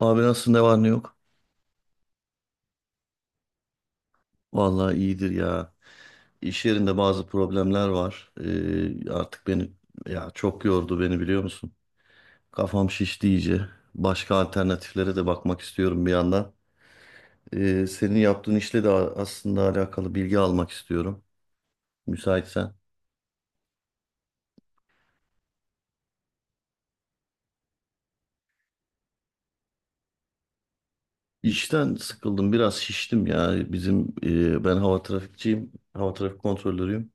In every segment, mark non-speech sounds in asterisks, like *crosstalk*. Abi nasıl ne var ne yok? Vallahi iyidir ya. İş yerinde bazı problemler var. Artık beni ya çok yordu beni biliyor musun? Kafam şişti iyice. Başka alternatiflere de bakmak istiyorum bir yandan. Senin yaptığın işle de aslında alakalı bilgi almak istiyorum. Müsaitsen. İşten sıkıldım, biraz şiştim ya. Bizim ben hava trafikçiyim, hava trafik kontrolörüyüm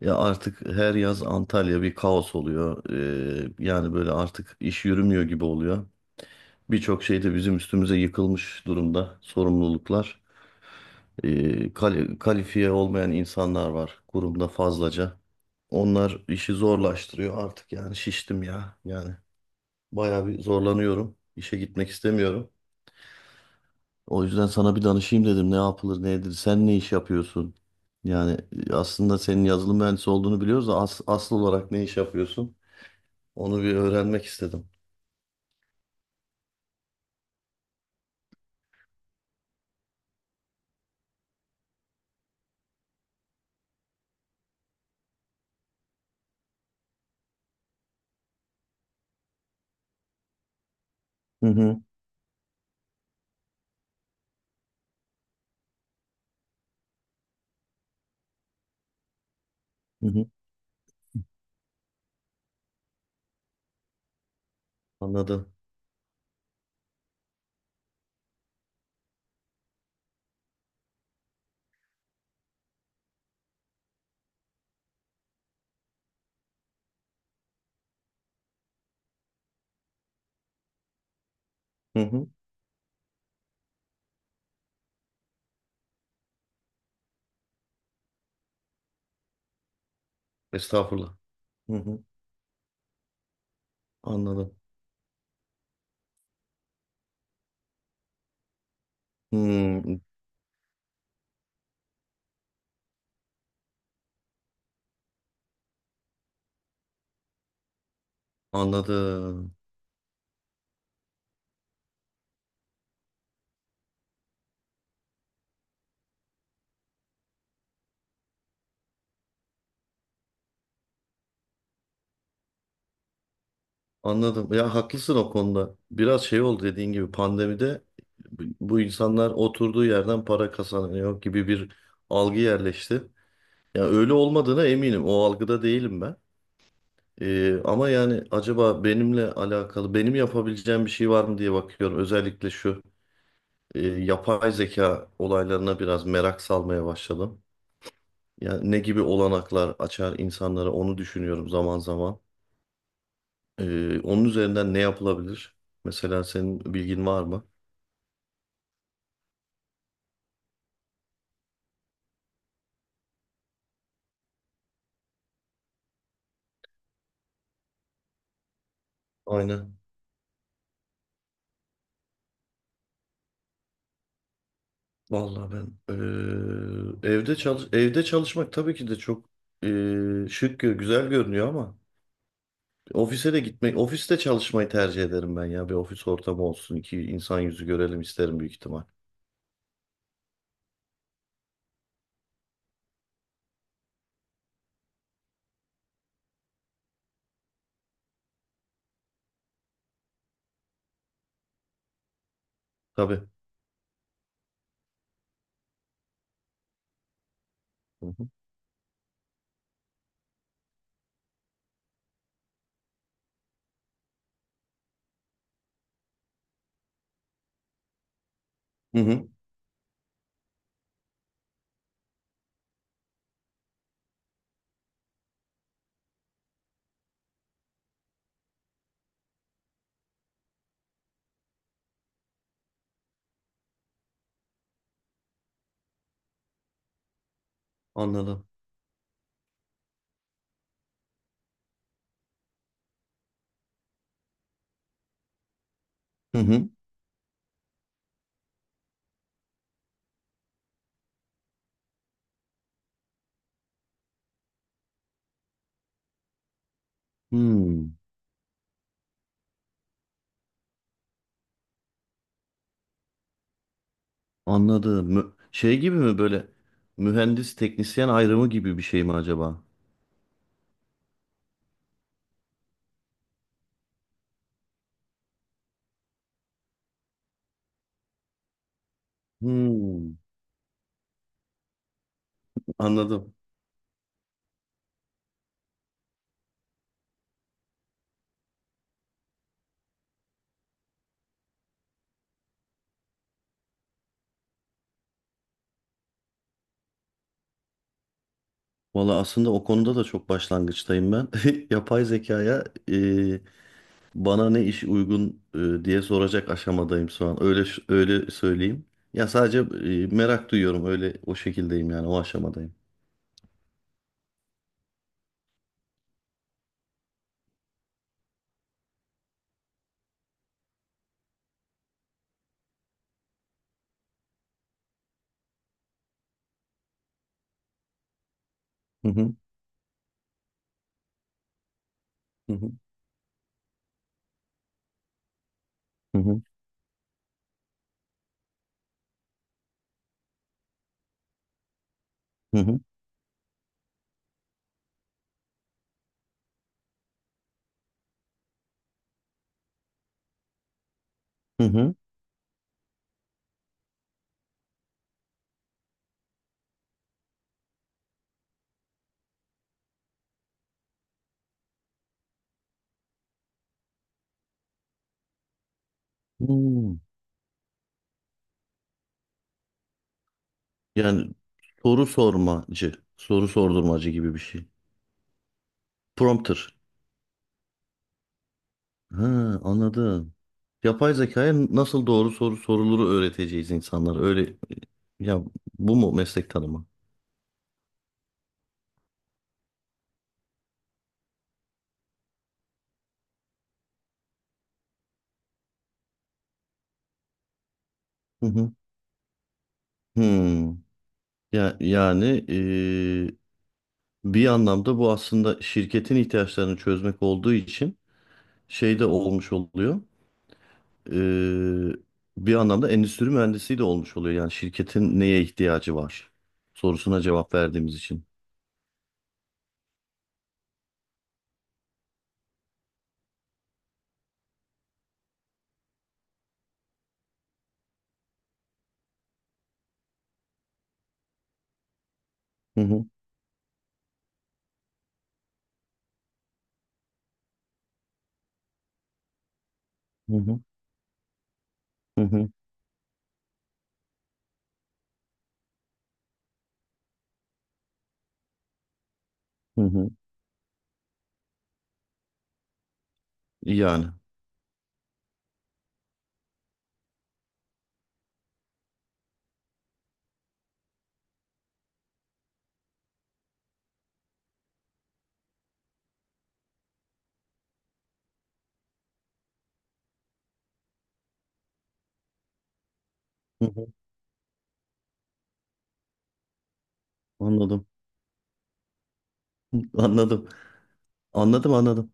ya. Artık her yaz Antalya bir kaos oluyor. Yani böyle artık iş yürümüyor gibi oluyor. Birçok şey de bizim üstümüze yıkılmış durumda, sorumluluklar. Kalifiye olmayan insanlar var kurumda fazlaca. Onlar işi zorlaştırıyor artık, yani şiştim ya yani, bayağı bir zorlanıyorum. İşe gitmek istemiyorum. O yüzden sana bir danışayım dedim. Ne yapılır, ne edilir? Sen ne iş yapıyorsun? Yani aslında senin yazılım mühendisi olduğunu biliyoruz da asıl olarak ne iş yapıyorsun? Onu bir öğrenmek istedim. Hı hı. Hı hı. Anladım. Hı hı. Estağfurullah. Hı hı. Anladım. Hmm, anladım. Anladım. Ya haklısın o konuda. Biraz şey oldu, dediğin gibi pandemide bu insanlar oturduğu yerden para kazanıyor gibi bir algı yerleşti. Ya öyle olmadığına eminim. O algıda değilim ben. Ama yani acaba benimle alakalı benim yapabileceğim bir şey var mı diye bakıyorum. Özellikle şu yapay zeka olaylarına biraz merak salmaya başladım. Yani ne gibi olanaklar açar insanlara onu düşünüyorum zaman zaman. Onun üzerinden ne yapılabilir? Mesela senin bilgin var mı? Aynen. Vallahi ben evde çalışmak tabii ki de çok eee, şık güzel görünüyor ama ofise de gitmek, ofiste çalışmayı tercih ederim ben ya. Bir ofis ortamı olsun, iki insan yüzü görelim isterim büyük ihtimal. Tabii. Hı hı. Hı hı. Anladım. Hı hı. Hmm. Anladım. Şey gibi mi, böyle mühendis teknisyen ayrımı gibi bir şey mi acaba? Hmm. Anladım. Valla aslında o konuda da çok başlangıçtayım ben. *laughs* Yapay zekaya bana ne iş uygun diye soracak aşamadayım şu an. Öyle söyleyeyim. Ya sadece merak duyuyorum. Öyle o şekildeyim yani o aşamadayım. Hı hı, hı hı, hı hı, hı hı. Hı hı. Hmm. Yani soru sormacı, soru sordurmacı gibi bir şey. Prompter. Ha, anladım. Yapay zekaya nasıl doğru soru soruluru öğreteceğiz insanlara. Öyle ya, bu mu meslek tanımı? Hı hı. Hmm. Ya yani bir anlamda bu aslında şirketin ihtiyaçlarını çözmek olduğu için şey de olmuş oluyor. Ee, Bir anlamda endüstri mühendisi de olmuş oluyor. Yani şirketin neye ihtiyacı var sorusuna cevap verdiğimiz için. Hı hı, hı hı, hı hı. Hı hı. Yani. Hı hı. Anladım. Anladım. Anladım, anladım.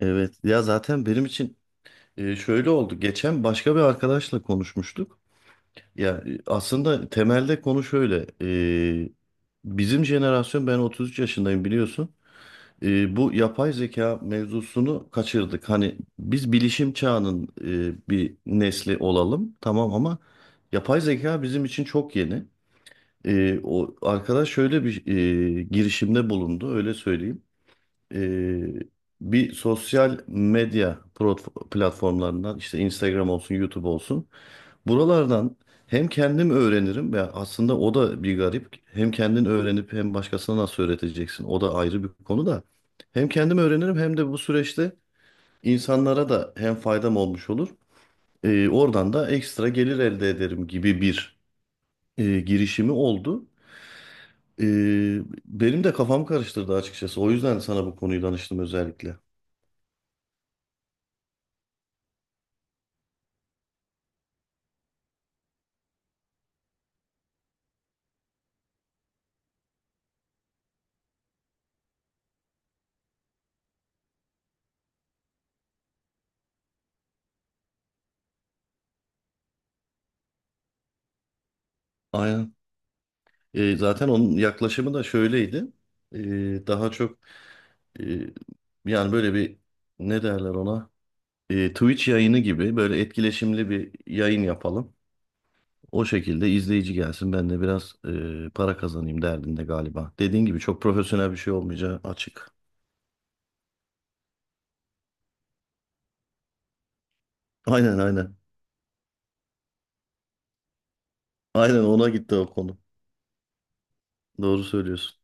Evet. Ya zaten benim için şöyle oldu. Geçen başka bir arkadaşla konuşmuştuk. Ya aslında temelde konu şöyle. e, Bizim jenerasyon, ben 33 yaşındayım biliyorsun. E, bu yapay zeka mevzusunu kaçırdık. Hani biz bilişim çağının bir nesli olalım tamam ama yapay zeka bizim için çok yeni. O arkadaş şöyle bir girişimde bulundu, öyle söyleyeyim. E, Bir sosyal medya platformlarından işte Instagram olsun, YouTube olsun, buralardan hem kendim öğrenirim, ya aslında o da bir garip. Hem kendin öğrenip hem başkasına nasıl öğreteceksin? O da ayrı bir konu da. Hem kendim öğrenirim hem de bu süreçte insanlara da hem faydam olmuş olur. Oradan da ekstra gelir elde ederim gibi bir girişimi oldu. Ee, Benim de kafam karıştırdı açıkçası. O yüzden sana bu konuyu danıştım özellikle. Aynen. E, zaten onun yaklaşımı da şöyleydi. Daha çok e, yani böyle bir, ne derler ona? Twitch yayını gibi böyle etkileşimli bir yayın yapalım. O şekilde izleyici gelsin, ben de biraz para kazanayım derdinde galiba. Dediğin gibi çok profesyonel bir şey olmayacağı açık. Aynen, aynen. Aynen, ona gitti o konu. Doğru söylüyorsun.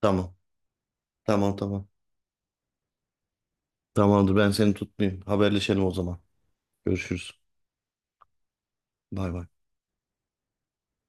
Tamam. Tamam, tamam. Tamamdır, ben seni tutmayayım. Haberleşelim o zaman. Görüşürüz. Bay bay.